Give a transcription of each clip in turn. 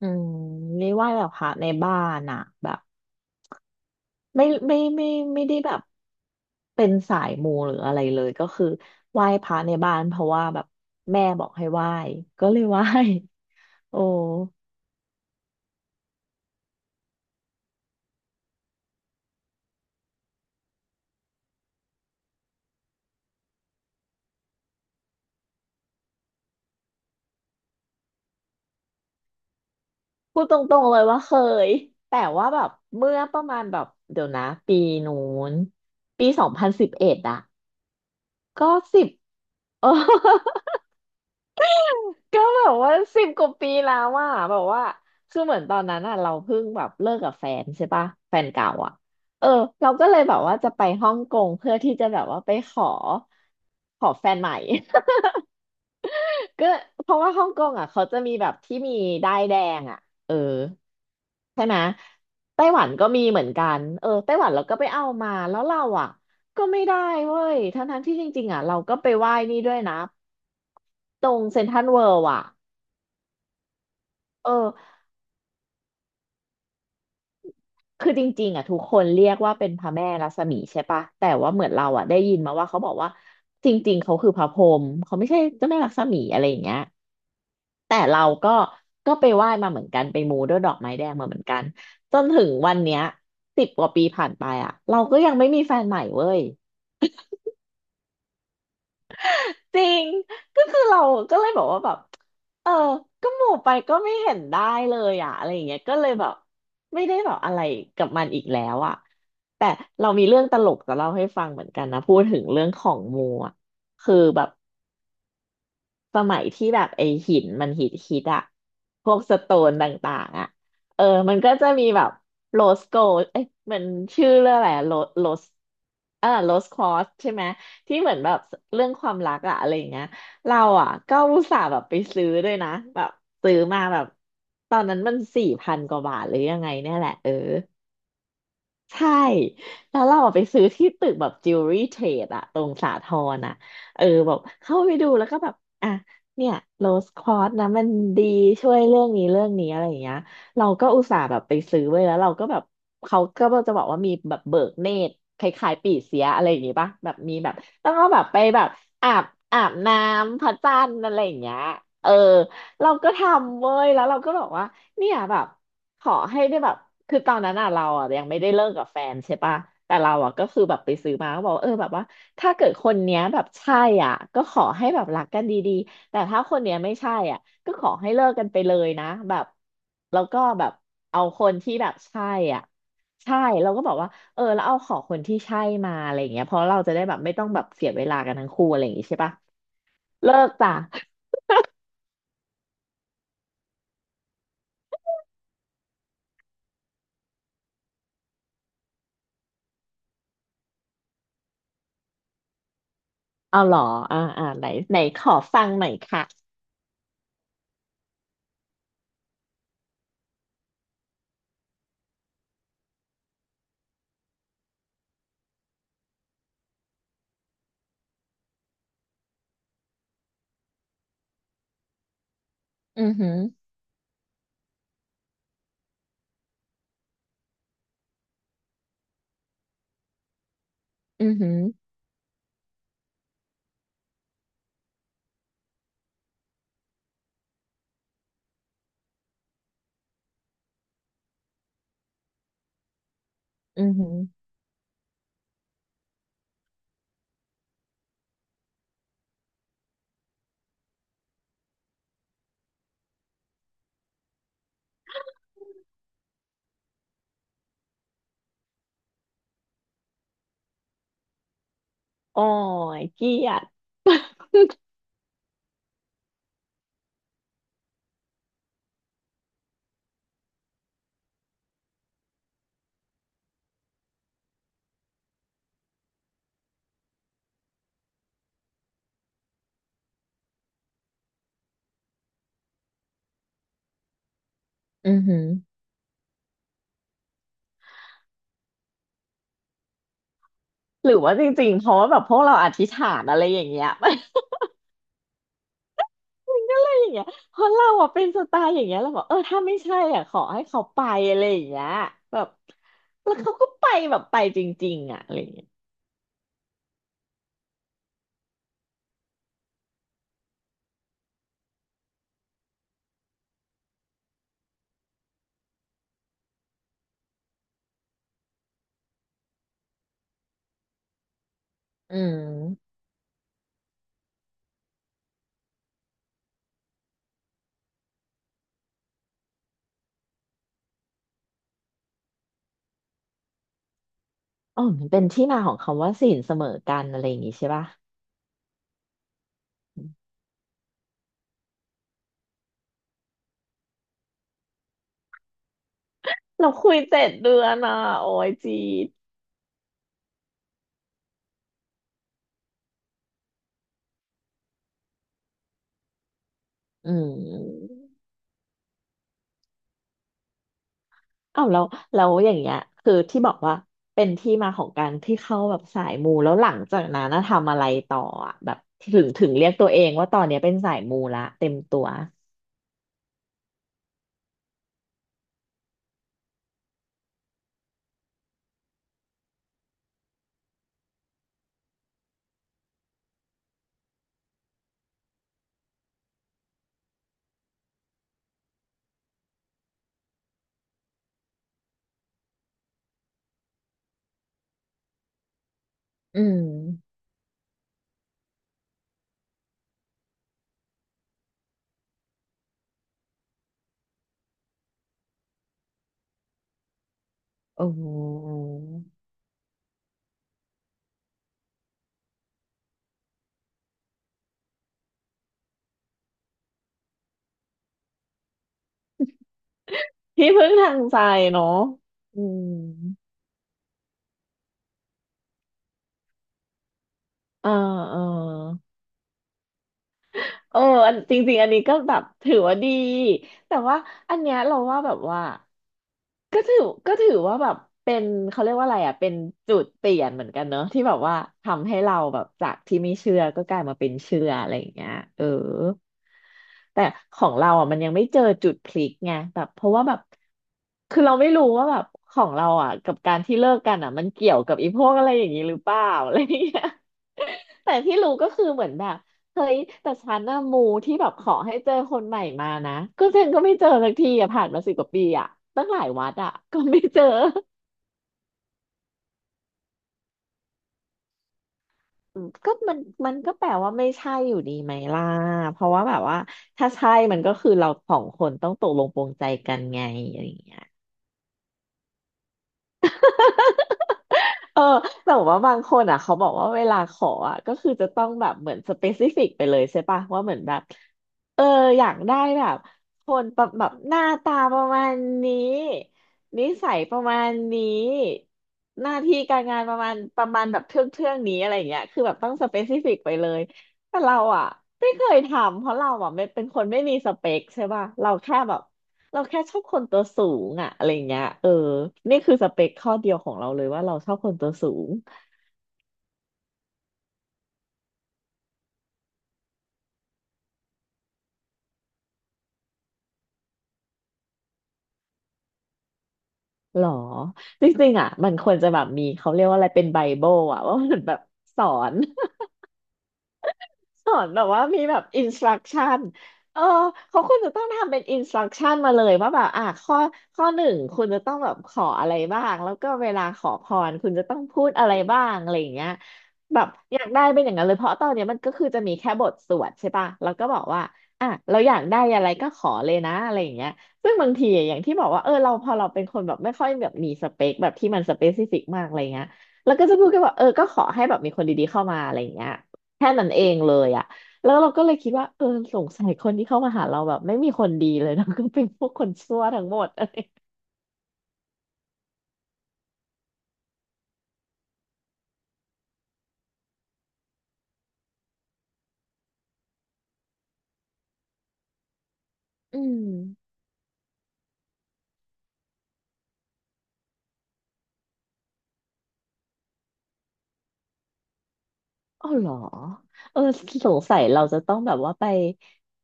อืมนี่ไหว่าแบบพระในบ้านอะแบบไม่ไม่ไม่ไม่ได้แบบเป็นสายมูหรืออะไรเลยก็คือไหว้พระในบ้านเพราะว่าแบบแม่บอกให้ไหว้ก็เลยไหว้ โอ้พูดตรงๆเลยว่าเคยแต่ว่าแบบเมื่อประมาณแบบเดี๋ยวนะปีนู้นปี2011อะก็สิบ เออ ก็แบบว่าสิบกว่าปีแล้วอ่ะแบบว่าคือเหมือนตอนนั้นอ่ะเราเพิ่งแบบเลิกกับแฟนใช่ปะแฟนเก่าอ่ะเออเราก็เลยแบบว่าจะไปฮ่องกงเพื่อที่จะแบบว่าไปขอแฟนใหม่ ก็เพราะว่าฮ่องกงอ่ะเขาจะมีแบบที่มีด้ายแดงอ่ะเออใช่ไหมไต้หวันก็มีเหมือนกันเออไต้หวันเราก็ไปเอามาแล้วเราอ่ะก็ไม่ได้เว้ยทั้งๆที่จริงๆอ่ะเราก็ไปไหว้นี่ด้วยนะตรงเซ็นทรัลเวิลด์อ่ะเออ คือจริงๆอ่ะทุกคนเรียกว่าเป็นพระแม่รัศมีใช่ปะแต่ว่าเหมือนเราอ่ะได้ยินมาว่าเขาบอกว่าจริงๆเขาคือพระพรหมเขาไม่ใช่เจ้าแม่รัศมีอะไรอย่างเงี้ยแต่เราก็ไปไหว้มาเหมือนกันไปมูด้วยดอกไม้แดงมาเหมือนกันจนถึงวันเนี้ยสิบกว่าปีผ่านไปอ่ะเราก็ยังไม่มีแฟนใหม่เว้ย จริง ก็คือเราก็เลยบอกว่าแบบ เออก็หมู่ไปก็ไม่เห็นได้เลยอ่ะอะไรอย่างเงี้ยก็เลยแบบไม่ได้แบบอะไรกับมันอีกแล้วอ่ะแต่เรามีเรื่องตลกจะเล่าให้ฟังเหมือนกันนะ พูดถึงเรื่องของหมู่อ่ะคือแบบ สมัยที่แบบไอหินมันฮิตฮิตอะพวกสโตนต่างๆอะเออมันก็จะมีแบบโรสโกเอ้ยมันชื่อเรื่องอะไรโรสเออโรสคอสใช่ไหมที่เหมือนแบบเรื่องความรักอะอะไรอย่างเงี้ยเราอะก็อุตส่าห์แบบไปซื้อด้วยนะแบบซื้อมาแบบตอนนั้นมันสี่พันกว่าบาทหรือยังไงเนี่ยแหละเออ ใช่แล้วเราอะไปซื้อที่ตึกแบบจิวเวลรี่เทรดอะตรงสาทรอะเออแบบเข้าไปดูแล้วก็แบบอ่ะเนี่ยโรสควอตนะมันดีช่วยเรื่องนี้เรื่องนี้อะไรอย่างเงี้ยเราก็อุตส่าห์แบบไปซื้อไว้แล้วเราก็แบบเขาก็จะบอกว่ามีแบบเบิกเนตรคล้ายๆปีเสียอะไรอย่างงี้ปะแบบมีแบบต้องเอาแบบไปแบบอาบอาบน้ำพระจันทร์อะไรอย่างเงี้ยเออ เราก็ทำเว้ยแล้วเราก็บอกว่าเนี่ยแบบขอให้ได้แบบคือตอนนั้นอ่ะเราอ่ะยังไม่ได้เลิกกับแฟนใช่ปะแต่เราอ่ะก็คือแบบไปซื้อมาก็บอกว่าเออแบบว่าถ้าเกิดคนเนี้ยแบบใช่อ่ะก็ขอให้แบบรักกันดีๆแต่ถ้าคนเนี้ยไม่ใช่อ่ะก็ขอให้เลิกกันไปเลยนะแบบแล้วก็แบบเอาคนที่แบบใช่อ่ะใช่เราก็บอกว่าเออแล้วเอาขอคนที่ใช่มาอะไรอย่างเงี้ยเพราะเราจะได้แบบไม่ต้องแบบเสียเวลากันทั้งคู่อะไรอย่างงี้ใช่ปะเลิกจ้ะ เอาเหรออ่าอ่าไหนไหนขอฟังหน่อยค่ะอือหืออือหืออือหือโอ้ยเกลียดอือหือหรือว่าจริงๆ เพราะว่าแบบพวกเราอธิษฐานอะไรอย่างเงี้ย มันก็เลยอย่างเงี้ยเพราะเราอะเป็นสไตล์อย่างเงี้ยเราบอกเออถ้าไม่ใช่อ่ะขอให้เขาไปอะไรอย่างเงี้ยแบบแล้วเขาก็ไปแบบไปจริงๆอ่ะอะไรอย่างเงี้ยอืมอ๋อมันเป็นที่มาของคำว่าศีลเสมอกันอะไรอย่างงี้ใช่ป่ะเราคุย7 เดือนอ่ะโอ้ยจีดอืม อ้าวแล้วแล้วอย่างเงี้ยคือที่บอกว่าเป็นที่มาของการที่เข้าแบบสายมูแล้วหลังจากนั้นน่ะทำอะไรต่ออะแบบถึงเรียกตัวเองว่าตอนเนี้ยเป็นสายมูละเต็มตัวอืมโอ้โหที่พึ่งทางใจเนาะอืมเออเออ เอออันจริงๆอันนี้ก็แบบถือว่าดีแต่ว่าอันเนี้ยเราว่าแบบว่าก็ถือก็ถือว่าแบบเป็นเขาเรียกว่าอะไรอ่ะเป็นจุดเปลี่ยนเหมือนกันเนอะที่แบบว่าทำให้เราแบบจากที่ไม่เชื่อก็กลายมาเป็นเชื่ออะไรอย่างเงี้ยเออ แต่ของเราอ่ะมันยังไม่เจอจุดพลิกไงแบบเพราะว่าแบบคือเราไม่รู้ว่าแบบของเราอ่ะกับการที่เลิกกันอ่ะมันเกี่ยวกับอีพวกอะไรอย่างนี้หรือเปล่า อะไรอย่างเงี้ย แต่ที่รู้ก็คือเหมือนแบบเฮ้ยแต่ฉันน่ะมูที่แบบขอให้เจอคนใหม่มานะก็ฉันก็ไม่เจอสักทีอ่ะผ่านมาสิบกว่าปีอ่ะตั้งหลายวัดอ่ะก็ไม่เจออืมก็มันก็แปลว่าไม่ใช่อยู่ดีไหมล่ะเพราะว่าแบบว่าถ้าใช่มันก็คือเราสองคนต้องตกลงปรงใจกันไงอะไรอย่างเงี้ย เออแต่ว่าบางคนอ่ะเขาบอกว่าเวลาขออ่ะก็คือจะต้องแบบเหมือนสเปซิฟิกไปเลยใช่ปะว่าเหมือนแบบเอออยากได้แบบคนประแบบหน้าตาประมาณนี้นิสัยประมาณนี้หน้าที่การงานประมาณแบบเทื่องเทื่องนี้อะไรอย่างเงี้ยคือแบบต้องสเปซิฟิกไปเลยแต่เราอ่ะไม่เคยทำเพราะเราอ่ะไม่เป็นคนไม่มีสเปคใช่ปะเราแค่แบบ เราแค่ชอบคนตัวสูงอะอะไรเงี้ยเออนี่คือสเปคข้อเดียวของเราเลยว่าเราชอบคนตัวสูงหรอ จริงๆอะมันควรจะแบบมีเขาเรียกว่าอะไรเป็นไบเบิลอะว่ามันแบบสอน สอนแบบว่ามีแบบอินสตรักชั่นเออเขาควรจะต้องทำเป็นอินสตรักชั่นมาเลยว่าแบบอ่ะข้อหนึ่งคุณจะต้องแบบขออะไรบ้างแล้วก็เวลาขอพรคุณจะต้องพูดอะไรบ้างอะไรอย่างเงี้ยแบบอยากได้เป็นอย่างนั้นเลยเพราะตอนเนี้ยมันก็คือจะมีแค่บทสวดใช่ปะแล้วก็บอกว่าอ่ะเราอยากได้อะไรก็ขอเลยนะอะไรอย่างเงี้ยซึ่งบางทีอะอย่างที่บอกว่าเออเราพอเราเป็นคนแบบไม่ค่อยแบบมีสเปคแบบที่มันสเปซิฟิกมากอะไรเงี้ยแล้วก็จะพูดกันว่าเออก็ขอให้แบบมีคนดีๆเข้ามาอะไรอย่างเงี้ย แค่นั้นเองเลยอะแล้วเราก็เลยคิดว่า เออ สงสัยคนที่เข้ามาหาเราแบบไม่มีคนดีเลย นะก็เป็นพวกคนชั่วทั้งหมดอะไรอืม อ๋อเหรอเออสงสัยเราจะต้องแบบว่าไป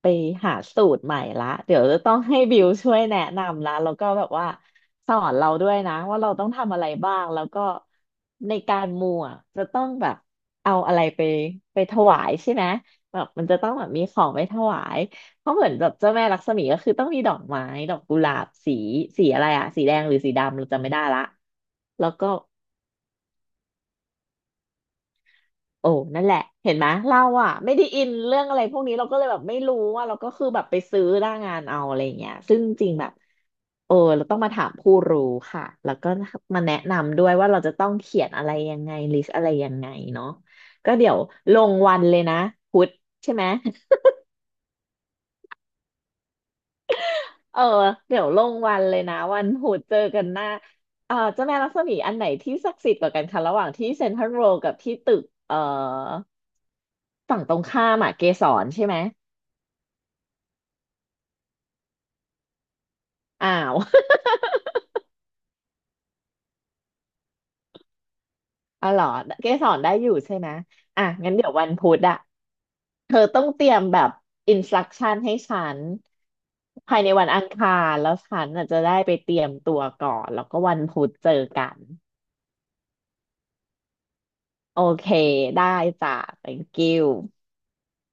ไปหาสูตรใหม่ละเดี๋ยวจะต้องให้บิวช่วยแนะนำละแล้วก็แบบว่าสอนเราด้วยนะว่าเราต้องทำอะไรบ้างแล้วก็ในการมูอ่ะจะต้องแบบเอาอะไรไปถวายใช่ไหมแบบมันจะต้องแบบมีของไปถวายเพราะเหมือนแบบเจ้าแม่ลักษมีก็คือต้องมีดอกไม้ดอกกุหลาบสีอะไรอะสีแดงหรือสีดำเราจำไม่ได้ละแล้วก็ โอ้นั่นแหละเห็นไหมเราอะไม่ได้อินเรื่องอะไรพวกนี้เราก็เลยแบบไม่รู้ว่าเราก็คือแบบไปซื้อหน้างานเอาอะไรอย่างเงี้ยซึ่งจริงแบบโอ้เราต้องมาถามผู้รู้ค่ะแล้วก็มาแนะนำด้วยว่าเราจะต้องเขียนอะไรยังไงลิสต์อะไรยังไงเนาะก็เดี๋ยวลงวันเลยนะพุธใช่ไหมเออเดี๋ยวลงวันเลยนะวันพุธเจอกันหน้าเออเจ้าแม่ลักษมีอันไหนที่ศักดิ์สิทธิ์กว่ากันคะระหว่างที่เซ็นทรัลเวิลด์กับที่ตึกฝั่งตรงข้ามอะเกสรใช่ไหมอ้าว อ๋อเหรอเกสรได้อยู่ใช่ไหมอ่ะงั้นเดี๋ยววันพุธอะเธอต้องเตรียมแบบอินสตรักชั่นให้ฉันภายในวันอังคารแล้วฉันอาจจะได้ไปเตรียมตัวก่อนแล้วก็วันพุธเจอกันโอเคได้จ้ะ thank you